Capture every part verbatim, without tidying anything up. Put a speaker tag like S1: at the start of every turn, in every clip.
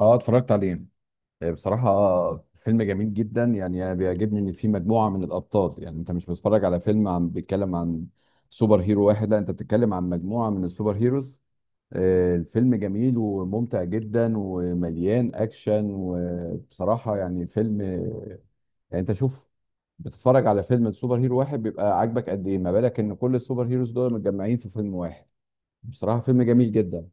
S1: اه، اتفرجت عليه. آه، بصراحة، آه، فيلم جميل جدا. يعني انا بيعجبني ان في مجموعة من الابطال. يعني انت مش بتتفرج على فيلم عن بيتكلم عن سوبر هيرو واحد، لا انت بتتكلم عن مجموعة من السوبر هيروز. آه، الفيلم جميل وممتع جدا ومليان اكشن، وبصراحة يعني فيلم يعني انت شوف. بتتفرج على فيلم السوبر هيرو واحد بيبقى عاجبك قد ايه، ما بالك ان كل السوبر هيروز دول متجمعين في فيلم واحد. بصراحة فيلم جميل جدا.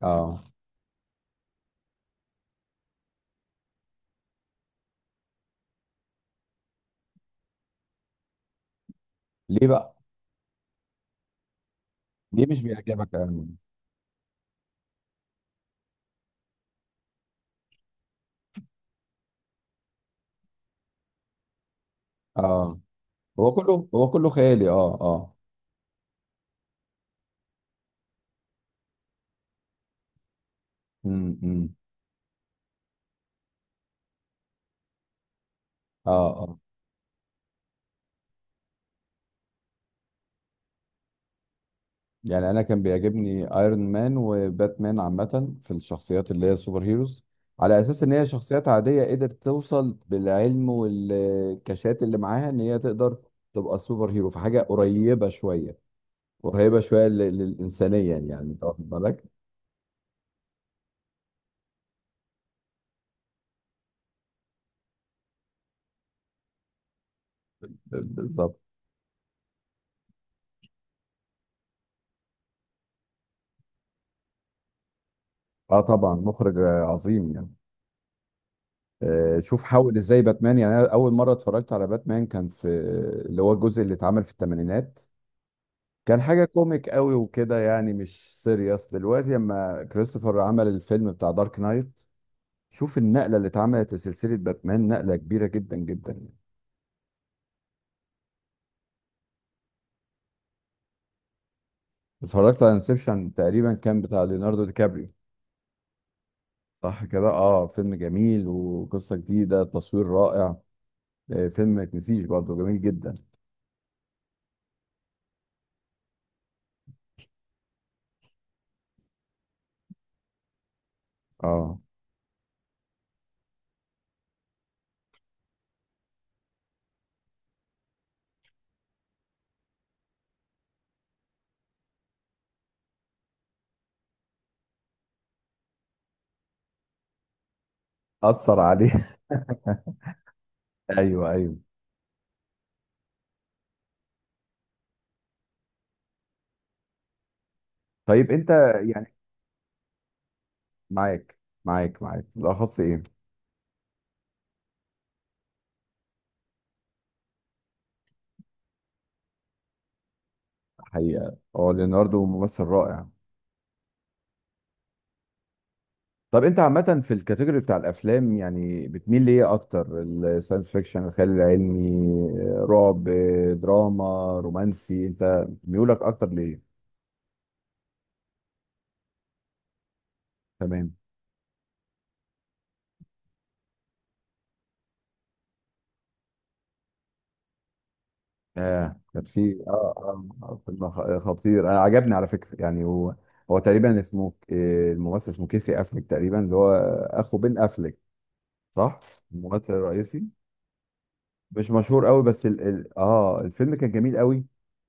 S1: اه. ليه بقى؟ ليه مش بيعجبك يا أرمين؟ اه. هو كله هو كله خيالي. اه اه. امم اه اه. يعني انا كان بيعجبني ايرون مان وباتمان، عامه في الشخصيات اللي هي سوبر هيروز، على اساس ان هي شخصيات عاديه قدرت توصل بالعلم والكاشات اللي معاها ان هي تقدر تبقى سوبر هيرو في حاجه قريبه شويه. قريبه شويه لل- للانسانيه، يعني انت واخد بالك. بالظبط. اه طبعا مخرج آه، عظيم يعني. آه، شوف حاول ازاي باتمان، يعني انا اول مره اتفرجت على باتمان كان في اللي هو الجزء اللي اتعمل في الثمانينات. كان حاجة كوميك قوي وكده، يعني مش سيريس. دلوقتي لما كريستوفر عمل الفيلم بتاع دارك نايت، شوف النقلة اللي اتعملت لسلسلة باتمان، نقلة كبيرة جدا جدا يعني. اتفرجت على انسبشن، تقريبا كان بتاع ليوناردو دي كابريو. صح كده، اه فيلم جميل وقصة جديدة، تصوير رائع. آه، فيلم ما يتنسيش برضه، جميل جدا. اه، أثر عليه. ايوه ايوه. طيب انت يعني معاك معاك معاك بالاخص ايه؟ حقيقة اه، ليوناردو ممثل رائع. طب انت عامة في الكاتيجوري بتاع الافلام يعني بتميل ليه اكتر؟ الساينس فيكشن، الخيال العلمي، رعب، دراما، رومانسي، انت ميولك اكتر ليه؟ تمام. اه كان في اه اه آه، فيلم خ- خطير، انا عجبني على فكرة يعني. هو هو تقريبا اسمه ك- آه، الممثل اسمه كيسي افليك تقريبا، اللي هو اخو بن افليك. صح. الممثل الرئيسي مش مشهور قوي، بس ال... ال... اه الفيلم كان جميل قوي.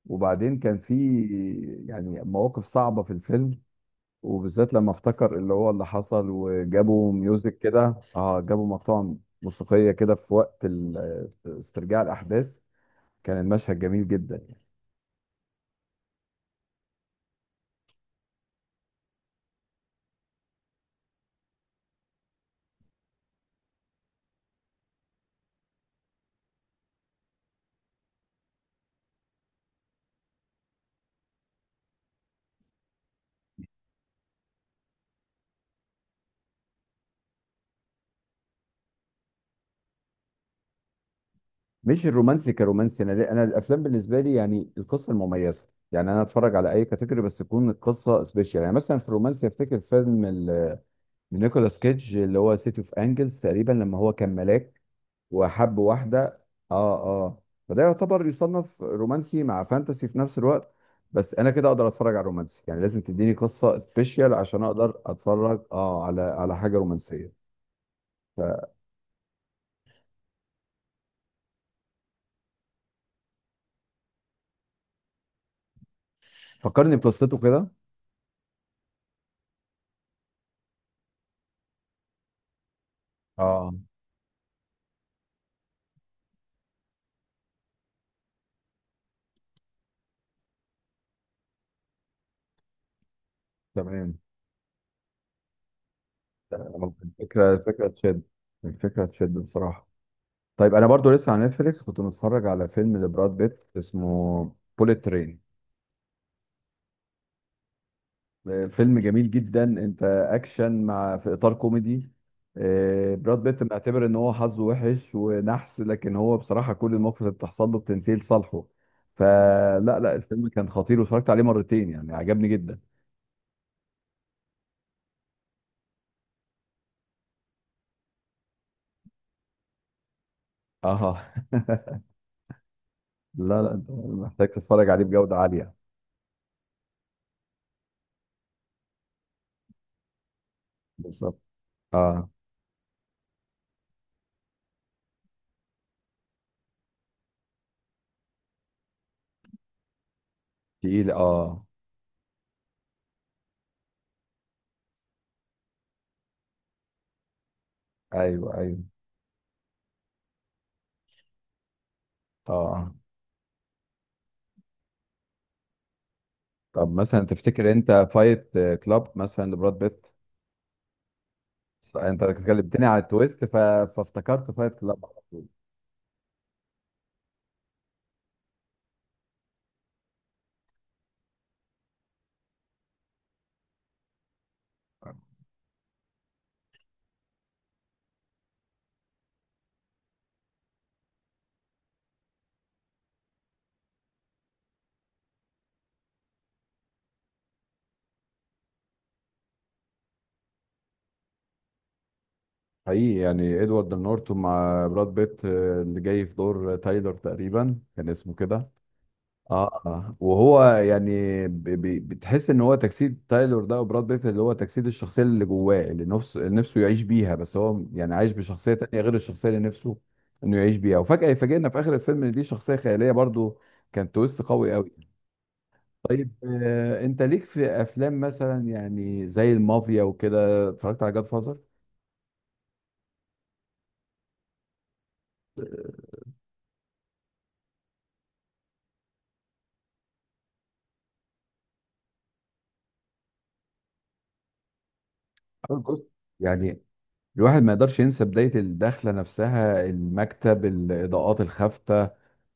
S1: وبعدين كان في يعني مواقف صعبة في الفيلم، وبالذات لما افتكر اللي هو اللي حصل وجابوا ميوزك كده، اه جابوا مقطوعة موسيقية كده في وقت ال- آه، استرجاع الأحداث. كان المشهد جميل جدا يعني. مش الرومانسي كرومانسي، أنا أنا الأفلام بالنسبة لي يعني القصة المميزة. يعني أنا أتفرج على أي كاتيجوري بس تكون القصة سبيشال. يعني مثلا في الرومانسي أفتكر فيلم ال- آه، نيكولاس كيدج اللي هو سيتي أوف أنجلز، تقريبا لما هو كان ملاك وحب واحدة. اه اه. فده يعتبر يصنف رومانسي مع فانتسي في نفس الوقت. بس انا كده اقدر اتفرج على رومانسي، يعني لازم تديني قصة سبيشيال عشان اقدر اتفرج اه على على حاجة رومانسية. ففكرني بقصته كده. اه تمام. الفكرة الفكرة تشد. الفكرة تشد بصراحة. طيب انا برضو لسه على نتفليكس كنت متفرج على فيلم لبراد بيت اسمه بوليت ترين. فيلم جميل جدا، انت اكشن مع في اطار كوميدي. آه، براد بيت معتبر ان هو حظه وحش ونحس، لكن هو بصراحه كل المواقف اللي بتحصل له بتنتهي لصالحه. فلا لا، الفيلم كان خطير، واتفرجت عليه مرتين يعني عجبني جدا. اه. لا لا، انت محتاج تتفرج عليه بجوده عاليه. بالظبط اه. تقيل اه. ايوه ايوه اه. طب مثلا تفتكر انت فايت كلاب مثلا لبراد بيت؟ انت اتكلمتني على التويست، ف... فافتكرت فايت كلاب. حقيقي يعني ادوارد نورتون مع براد بيت، آه، اللي جاي في دور تايلر تقريبا كان اسمه كده. اه، آه. وهو يعني ب- ب- بتحس ان هو تجسيد تايلور ده، وبراد بيت اللي هو تجسيد الشخصيه اللي جواه، اللي نفسه نفسه يعيش بيها، بس هو يعني عايش بشخصيه تانية غير الشخصيه اللي نفسه انه يعيش بيها، وفجاه يفاجئنا في اخر الفيلم ان دي شخصيه خياليه برضو. كان تويست قوي قوي. طيب آه انت ليك في افلام مثلا يعني زي المافيا وكده؟ اتفرجت على جاد فازر. اول جزء يعني الواحد ما يقدرش ينسى بداية الدخلة نفسها، المكتب، الإضاءات الخافتة،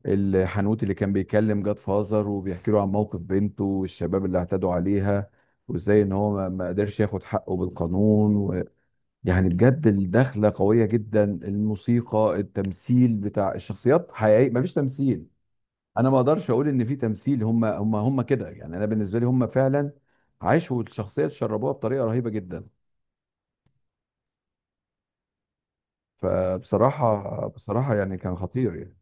S1: الحنوتي اللي كان بيكلم جاد فازر وبيحكي له عن موقف بنته والشباب اللي اعتدوا عليها، وازاي ان هو ما ما قدرش ياخد حقه بالقانون و... يعني بجد الدخلة قوية جدا، الموسيقى، التمثيل بتاع الشخصيات، حقيقي ما فيش تمثيل. انا ما اقدرش اقول ان في تمثيل، هم هم هم كده يعني، انا بالنسبة لي هم فعلا عاشوا الشخصية، تشربوها بطريقة رهيبة جدا. فبصراحة بصراحة يعني كان خطير يعني.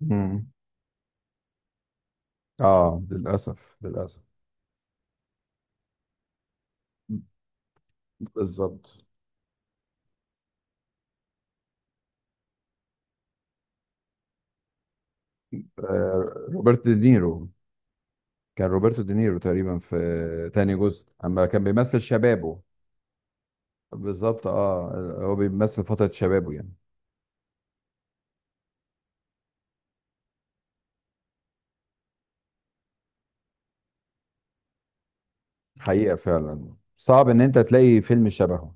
S1: مم. اه للاسف للاسف. بالظبط. آه، روبرت دينيرو، كان روبرتو دينيرو تقريبا في تاني جزء اما كان بيمثل شبابه. بالظبط اه، آه، هو بيمثل فترة شبابه يعني. حقيقة فعلا صعب ان انت تلاقي فيلم شبهه.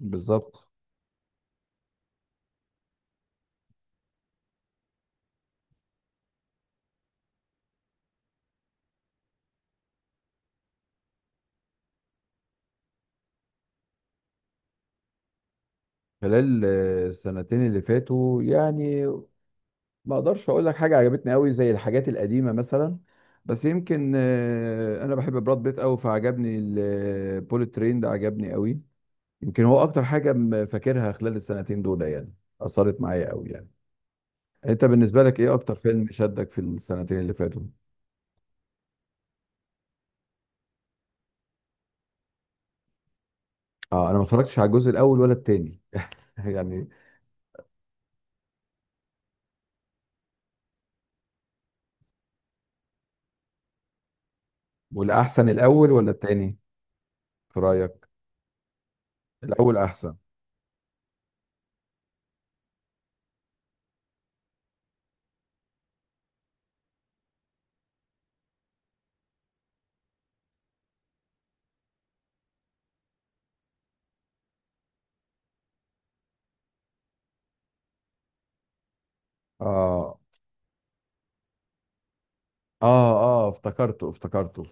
S1: بالظبط. خلال آه، السنتين اللي فاتوا يعني ما اقدرش اقول لك حاجة عجبتني قوي زي الحاجات القديمة مثلا. بس يمكن آه، انا بحب براد بيت قوي، فعجبني البوليت ترين ده، عجبني قوي. يمكن هو اكتر حاجه م- فاكرها خلال السنتين دول يعني، اثرت معايا قوي يعني. انت بالنسبه لك ايه اكتر فيلم شدك في السنتين اللي فاتوا؟ اه، انا ما اتفرجتش على الجزء الاول ولا التاني يعني. والاحسن الاول ولا التاني في رايك؟ الاول احسن. اه اه اه، افتكرته افتكرته.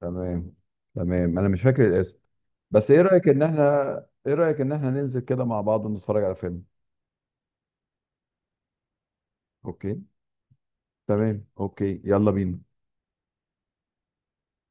S1: تمام. تمام انا مش فاكر الاسم. بس ايه رايك ان احنا ايه رايك ان احنا ننزل كده مع بعض ونتفرج على فيلم؟ اوكي. تمام. اوكي، يلا بينا.